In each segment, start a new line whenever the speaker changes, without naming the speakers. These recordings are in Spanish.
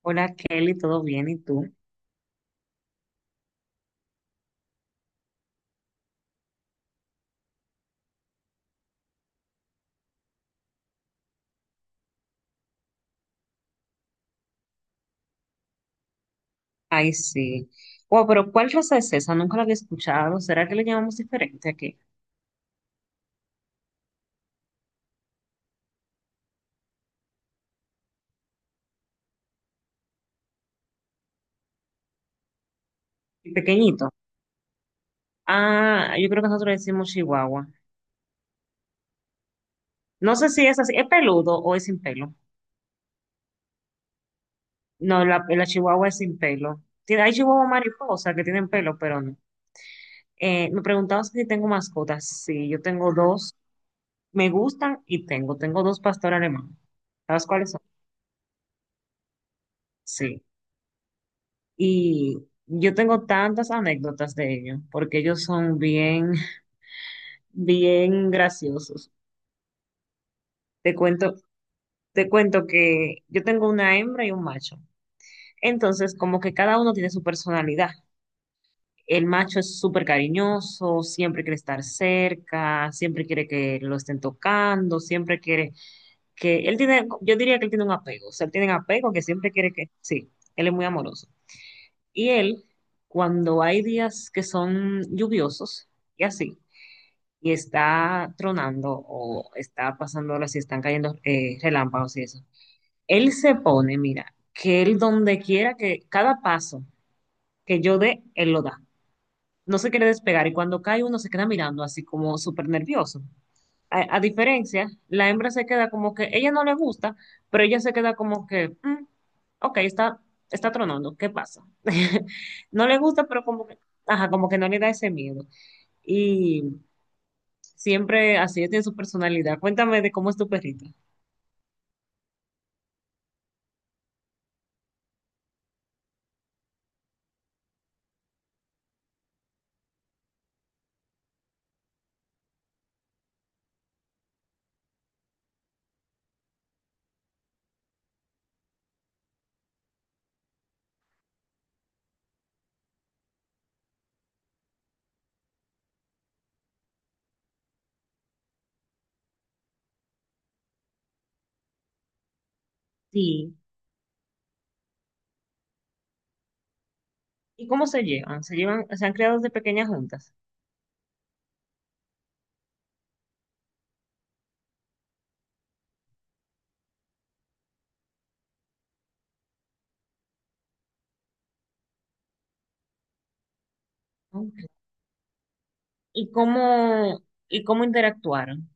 Hola Kelly, ¿todo bien? ¿Y tú? Ay, sí. Wow, pero ¿cuál raza es esa? Nunca la había escuchado. ¿Será que le llamamos diferente aquí? El pequeñito. Ah, yo creo que nosotros le decimos chihuahua. No sé si es así. ¿Es peludo o es sin pelo? No, la chihuahua es sin pelo. Tiene, hay chihuahua mariposa que tienen pelo, pero no. Me preguntabas si tengo mascotas. Sí, yo tengo dos. Me gustan y tengo. Tengo dos pastores alemanes. ¿Sabes cuáles son? Sí. Y yo tengo tantas anécdotas de ellos, porque ellos son bien, bien graciosos. Te cuento, te cuento que yo tengo una hembra y un macho. Entonces, como que cada uno tiene su personalidad. El macho es súper cariñoso, siempre quiere estar cerca, siempre quiere que lo estén tocando, siempre quiere que... Él tiene, yo diría que él tiene un apego, o sea, él tiene un apego que siempre quiere que... Sí, él es muy amoroso. Y él, cuando hay días que son lluviosos y así, y está tronando o está pasando ahora si están cayendo relámpagos y eso. Él se pone, mira, que él donde quiera que cada paso que yo dé, él lo da. No se quiere despegar y cuando cae uno se queda mirando así como súper nervioso. A diferencia, la hembra se queda como que ella no le gusta, pero ella se queda como que, "Mm, ok, está, está tronando, ¿qué pasa?" No le gusta, pero como que, ajá, como que no le da ese miedo. Y siempre así, ella tiene su personalidad. Cuéntame de cómo es tu perrita. Sí. ¿Y cómo se llevan? ¿Se llevan, se han creado desde pequeñas juntas? Ok. ¿Y cómo, ¿y cómo interactuaron?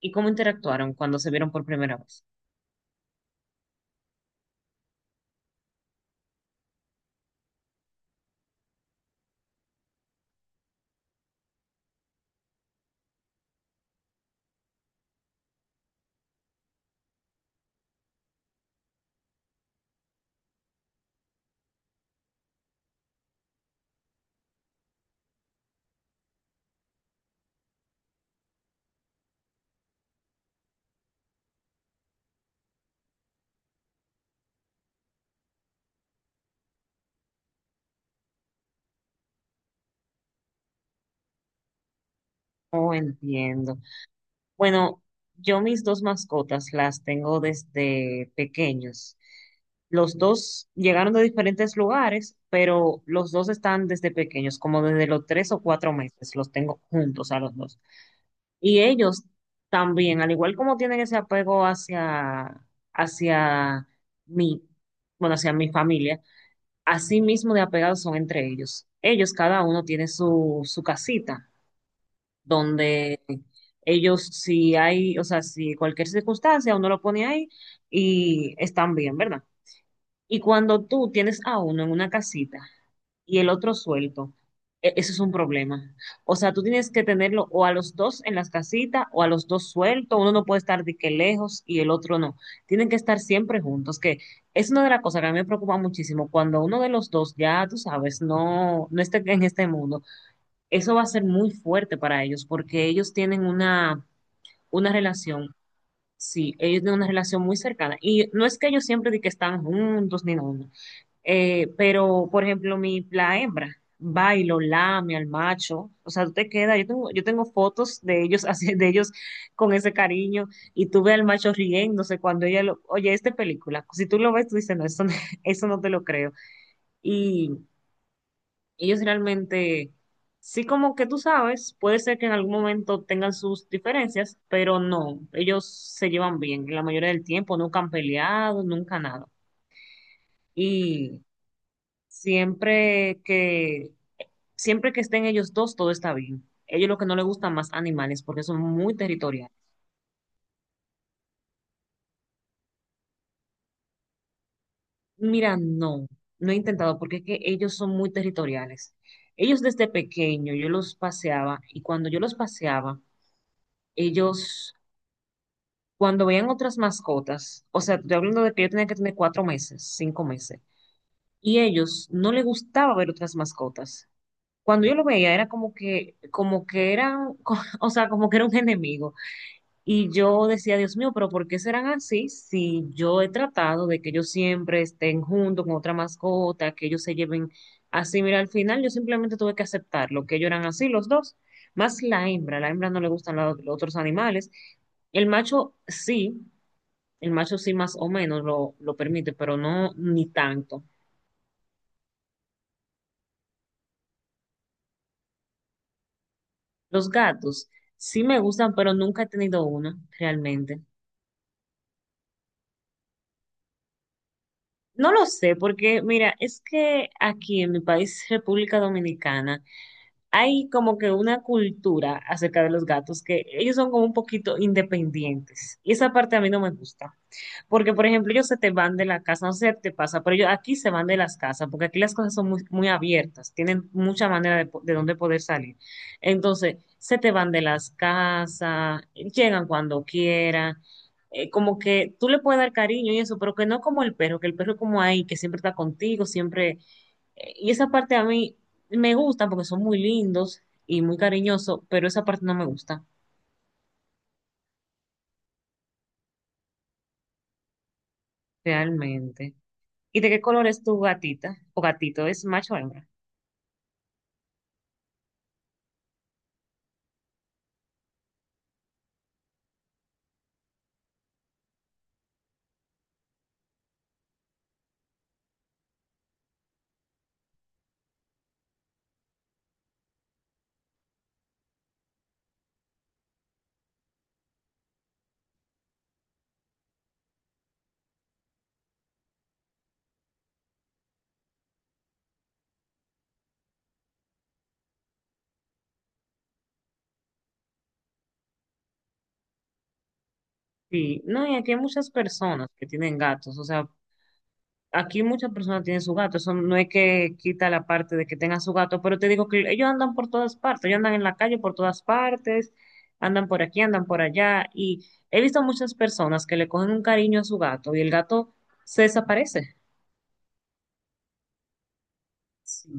¿Y cómo interactuaron cuando se vieron por primera vez? Oh, entiendo. Bueno, yo mis dos mascotas las tengo desde pequeños. Los dos llegaron de diferentes lugares, pero los dos están desde pequeños, como desde los 3 o 4 meses, los tengo juntos a los dos. Y ellos también, al igual como tienen ese apego hacia mi, bueno, hacia mi familia, así mismo de apegados son entre ellos. Ellos, cada uno tiene su, su casita, donde ellos, si hay, o sea, si cualquier circunstancia, uno lo pone ahí y están bien, ¿verdad? Y cuando tú tienes a uno en una casita, y el otro suelto. E- Eso es un problema. O sea, tú tienes que tenerlo o a los dos en las casitas o a los dos sueltos. Uno no puede estar de que lejos y el otro no. Tienen que estar siempre juntos, que es una de las cosas que a mí me preocupa muchísimo. Cuando uno de los dos ya, tú sabes, no esté en este mundo, eso va a ser muy fuerte para ellos porque ellos tienen una relación, sí, ellos tienen una relación muy cercana. Y no es que ellos siempre de que están juntos ni nada, no. Pero, por ejemplo, mi, la hembra va y lo lame al macho. O sea, tú te quedas. Yo tengo fotos de ellos, así, de ellos con ese cariño. Y tú ves al macho riéndose cuando ella lo. Oye, esta película. Si tú lo ves, tú dices, no, eso no, eso no te lo creo. Y ellos realmente. Sí, como que tú sabes, puede ser que en algún momento tengan sus diferencias, pero no, ellos se llevan bien la mayoría del tiempo, nunca han peleado, nunca nada. Y siempre que siempre que estén ellos dos, todo está bien. Ellos lo que no les gustan más animales porque son muy territoriales. Mira, no, no he intentado porque es que ellos son muy territoriales. Ellos desde pequeño yo los paseaba y cuando yo los paseaba, ellos cuando veían otras mascotas, o sea, estoy hablando de que yo tenía que tener 4 meses, 5 meses, y ellos no les gustaba ver otras mascotas. Cuando yo lo veía era como que eran, o sea, como que era un enemigo. Y yo decía, Dios mío, pero ¿por qué serán así si yo he tratado de que ellos siempre estén juntos con otra mascota, que ellos se lleven así? Mira, al final yo simplemente tuve que aceptarlo, que ellos eran así los dos, más la hembra no le gustan la- los otros animales. El macho sí, el macho sí más o menos lo permite, pero no ni tanto. Los gatos sí me gustan, pero nunca he tenido uno realmente. No lo sé, porque mira, es que aquí en mi país, República Dominicana, hay como que una cultura acerca de los gatos que ellos son como un poquito independientes. Y esa parte a mí no me gusta. Porque, por ejemplo, ellos se te van de la casa, no sé si te pasa, pero ellos aquí se van de las casas, porque aquí las cosas son muy, muy abiertas, tienen mucha manera de, po- de dónde poder salir. Entonces, se te van de las casas, llegan cuando quieran, como que tú le puedes dar cariño y eso, pero que no como el perro, que el perro es como ahí, que siempre está contigo, siempre... Y esa parte a mí me gusta porque son muy lindos y muy cariñosos, pero esa parte no me gusta realmente. ¿Y de qué color es tu gatita o gatito? ¿Es macho o hembra? Sí, no, y aquí hay muchas personas que tienen gatos, o sea, aquí muchas personas tienen su gato, eso no es que quita la parte de que tengan su gato, pero te digo que ellos andan por todas partes, ellos andan en la calle por todas partes, andan por aquí, andan por allá, y he visto muchas personas que le cogen un cariño a su gato y el gato se desaparece. Sí.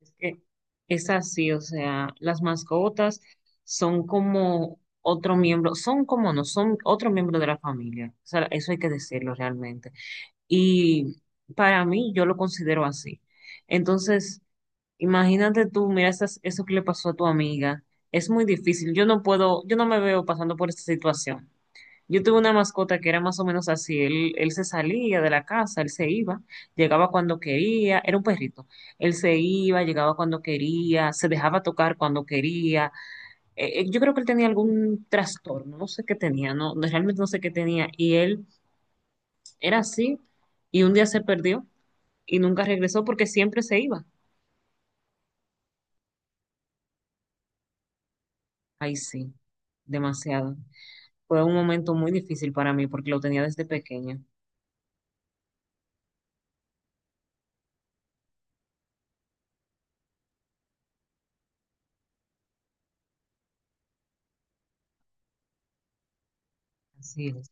Es que es así, o sea, las mascotas son como otro miembro, son como no, son otro miembro de la familia, o sea, eso hay que decirlo realmente. Y para mí, yo lo considero así. Entonces, imagínate tú, mira esas- eso que le pasó a tu amiga. Es muy difícil. Yo no puedo, yo no me veo pasando por esta situación. Yo tuve una mascota que era más o menos así. Él se salía de la casa, él se iba, llegaba cuando quería, era un perrito. Él se iba, llegaba cuando quería, se dejaba tocar cuando quería. Yo creo que él tenía algún trastorno, no sé qué tenía, no, no- realmente no sé qué tenía. Y él era así y un día se perdió y nunca regresó porque siempre se iba. Ay, sí, demasiado. Fue un momento muy difícil para mí porque lo tenía desde pequeña. Así es.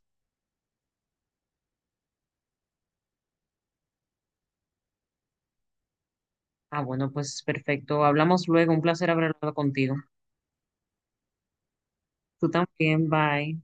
Ah, bueno, pues perfecto. Hablamos luego. Un placer haber hablado contigo. Tú también, bye.